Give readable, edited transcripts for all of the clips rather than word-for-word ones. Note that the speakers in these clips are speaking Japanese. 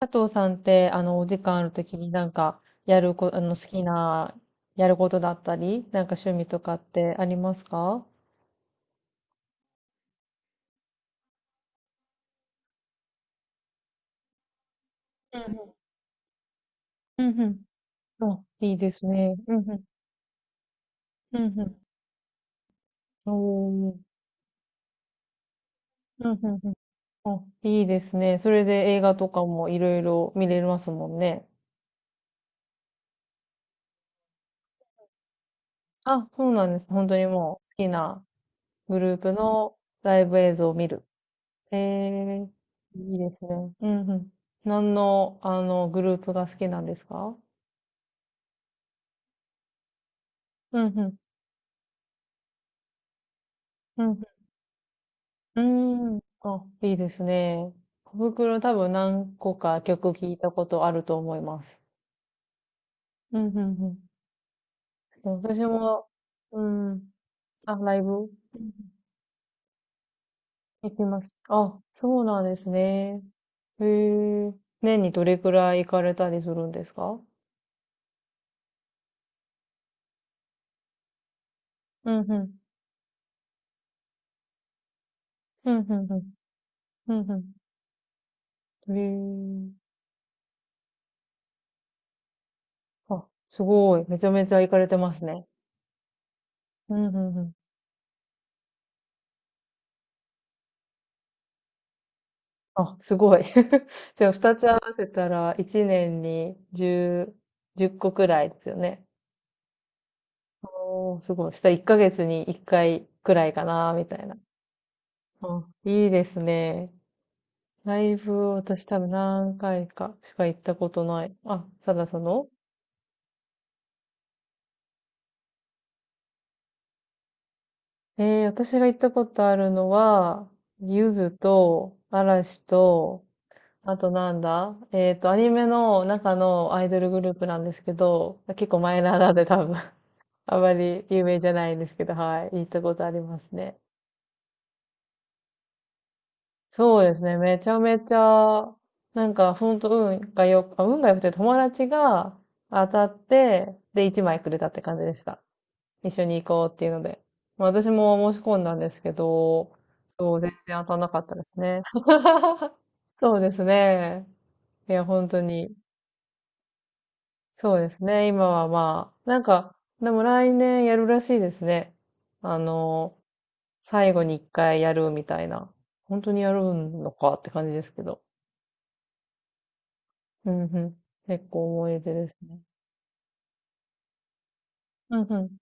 佐藤さんって、お時間あるときになんか、やるこ、あの、好きな、やることだったり、なんか趣味とかってありますか？うんうん。うんうん。あ、いいですね。うんうん。うんうん。おー。うんうんうん。あ、いいですね。それで映画とかもいろいろ見れますもんね。あ、そうなんです。本当にもう好きなグループのライブ映像を見る。えー、いいですね。うんうん。何の、グループが好きなんですか？うんうん。うんうん。うーん。あ、いいですね。小袋多分何個か曲聞いたことあると思います。うんうんうん。私も、うん。あ、ライブ、うん、行きます。あ、そうなんですね。へえ。年にどれくらい行かれたりするんですか？うんうん。うんうんうん。うんうん。へえ。あ、すごい。めちゃめちゃ行かれてますね。うんうんうん。あ、すごい。じゃあ2つ合わせたら1年に10、個くらいですよね。おー、すごい。したら1ヶ月に1回くらいかな、みたいな。あ、いいですね。ライブ、私多分何回かしか行ったことない。あ、サダさんの。えー、私が行ったことあるのは、ゆずと、嵐と、あとなんだアニメの中のアイドルグループなんですけど、結構マイナーなんで多分。あまり有名じゃないんですけど、はい。行ったことありますね。そうですね。めちゃめちゃ、なんか、本当運が良くて友達が当たって、で、1枚くれたって感じでした。一緒に行こうっていうので。まあ私も申し込んだんですけど、そう、全然当たんなかったですね。そうですね。いや、本当に。そうですね。今はまあ、なんか、でも来年やるらしいですね。あの、最後に一回やるみたいな。本当にやるのかって感じですけど。うんうん。結構思い出ですね。うんうん。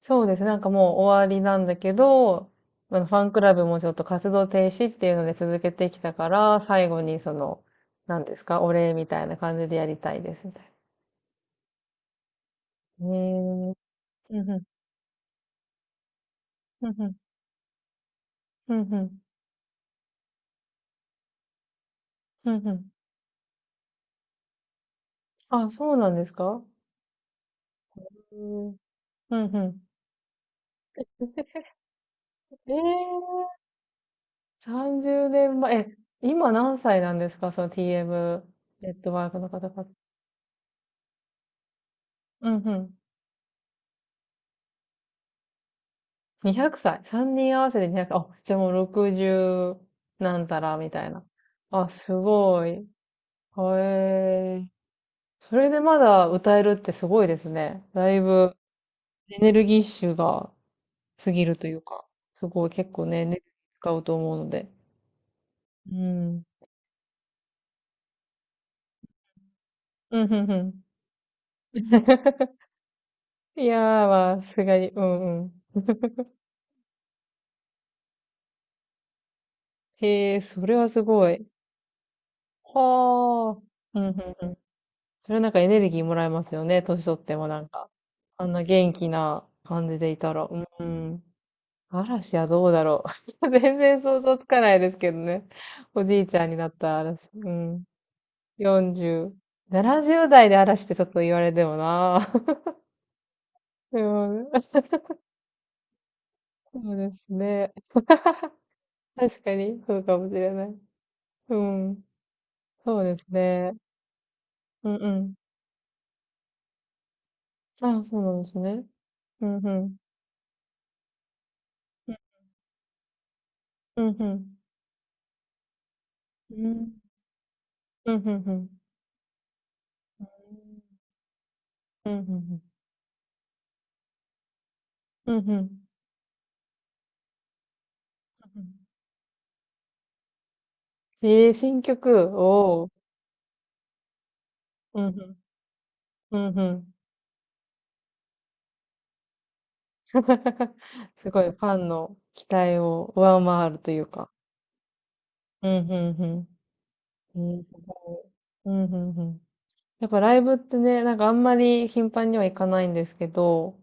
そうですね。なんかもう終わりなんだけど、まあのファンクラブもちょっと活動停止っていうので続けてきたから、最後に何ですか、お礼みたいな感じでやりたいですみたいな。へえ。うんうん。うんうん。うんうん。うんうん。あ、そうなんですか？うん。うんうん。ええ、30年前、今何歳なんですか、その TM ネットワークの方々。うんうん。200歳。3人合わせて200歳。あ、じゃあもう60なんたらみたいな。あ、すごい。へえ。それでまだ歌えるってすごいですね。だいぶエネルギッシュが過ぎるというか、すごい結構ね、エネルギー使うと思うので。うん。うんうんうん。いやー、まあ、さすがに。うんうん。へえ、それはすごい。はあ。うんうんうん。それなんかエネルギーもらえますよね。年取ってもなんか。あんな元気な感じでいたら。うん。嵐はどうだろう。全然想像つかないですけどね。おじいちゃんになった嵐。うん。40。70代で嵐ってちょっと言われてもな。でもね、そうですね。確かに、そうかもしれない。うん。そうですね。うんうん。あ、そうなんですね。うんうん。うんうん。うんうん、ふんふん。うん、ふんふん。うん、ふんふん。うんふん、えー新曲。おお。うんふん。うんふん。すごい、ファンの期待を上回るというか。うんうんうん。えーすごい。うんうんうん。やっぱライブってね、なんかあんまり頻繁には行かないんですけど、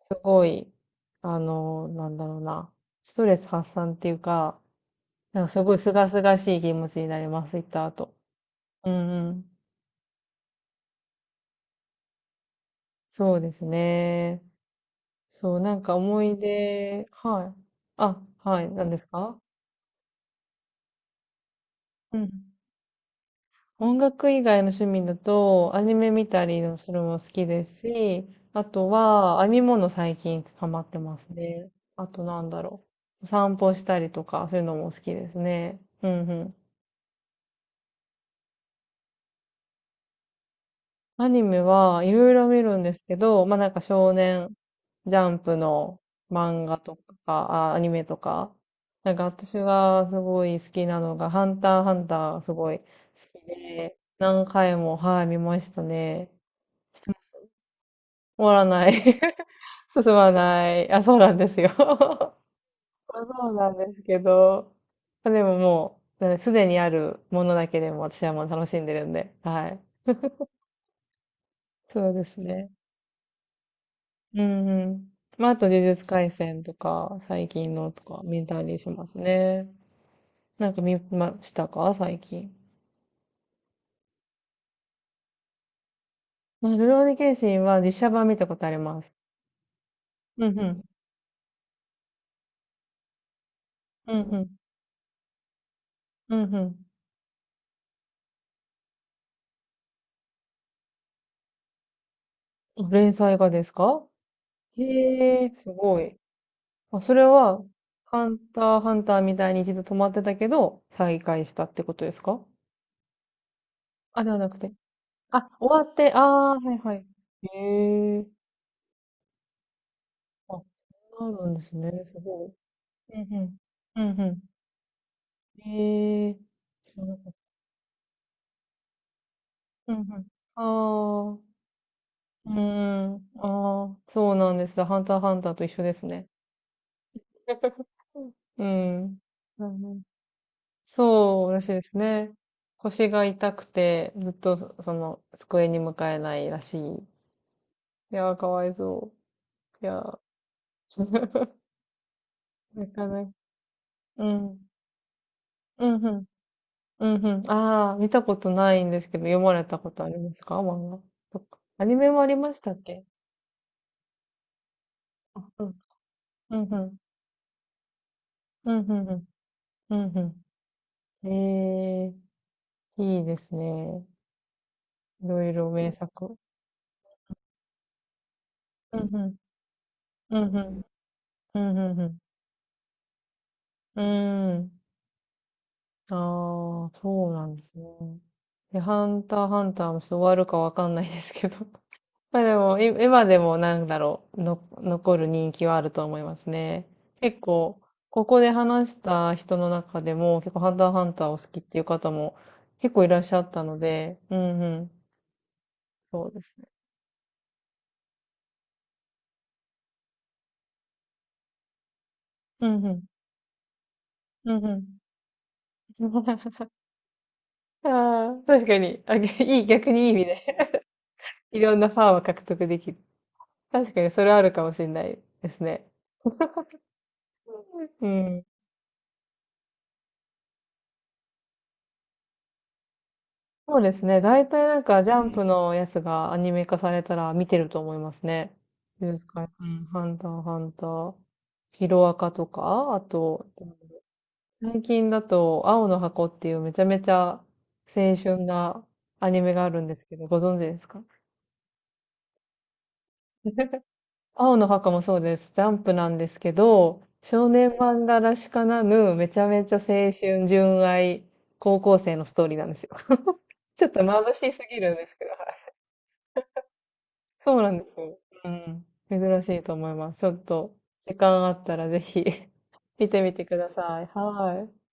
すごい、なんだろうな、ストレス発散っていうか、なんかすごい清々しい気持ちになります、行った後。うんうん。そうですね。そう、なんか思い出、はい。あ、はい、なんですか？うん。音楽以外の趣味だと、アニメ見たりするのも好きですし、あとは、編み物最近捕まってますね。あとなんだろう。散歩したりとか、そういうのも好きですね。うん。アニメはいろいろ見るんですけど、まあなんか少年ジャンプの漫画とか、あ、アニメとか、なんか私がすごい好きなのが、ハンターハンターすごい好きで、何回も、はい、見ましたね。終わらない。進まない。あ、そうなんですよ。そうなんですけど、でももう、すでにあるものだけでも私はもう楽しんでるんで、はい。そうですね。うんうん。まあ、あと呪術廻戦とか、最近のとか見たりしますね。なんか見ましたか、最近。まあ、ルローニケンシンは実写版見たことあります。うんうん。うんうん。うんうん。連載がですか？へえ、すごい。まあ、それは、ハンター、ハンターみたいに一度止まってたけど、再開したってことですか？あ、ではなくて。あ、終わって、ああ、はいはい。へえ。あ、そうなるんですね。すごい。うんうん。うんうん。ええ、知らなかった。うんうん。ああ、うんん。ああ、そうなんです。ハンターハンターと一緒ですね。うん。うん、そうらしいですね。腰が痛くて、ずっとその机に向かえないらしい。いやー、かわいそう。いやー、なかなか。うん。うんうん。うんうん。ああ、見たことないんですけど、読まれたことありますか、漫画かアニメもありましたっけ？あ、うん。うんうん。うん、うん、うん、うんうん。ええ、いいですね。いろいろ名作。うん、うん、うん、うん、うん、うん。うん、うん。ああー、そうなんですね。で、ハンター、ハンターもちょっと終わるかわかんないですけど。まあでも、今でもなんだろう、残る人気はあると思いますね。結構、ここで話した人の中でも、結構ハンター、ハンターを好きっていう方も結構いらっしゃったので、うん、うん。そうですね。うん、うん。うんうん。ああ、確かに。あ、げいい、逆にいい意味で。いろんなファンを獲得できる。確かに、それはあるかもしれないですね。うん。そうですね。大体なんか、ジャンプのやつがアニメ化されたら見てると思いますね。ですかね。うん。ハンター、ハンター。ヒロアカとか、あと、最近だと、青の箱っていうめちゃめちゃ青春なアニメがあるんですけど、ご存知ですか？青の墓もそうです。ジャンプなんですけど、少年漫画らしからぬ、めちゃめちゃ青春、純愛、高校生のストーリーなんですよ。ちょっと眩しすぎるんですけど、はい。そうなんですよ。うん。珍しいと思います。ちょっと、時間あったらぜひ 見てみてください。はい。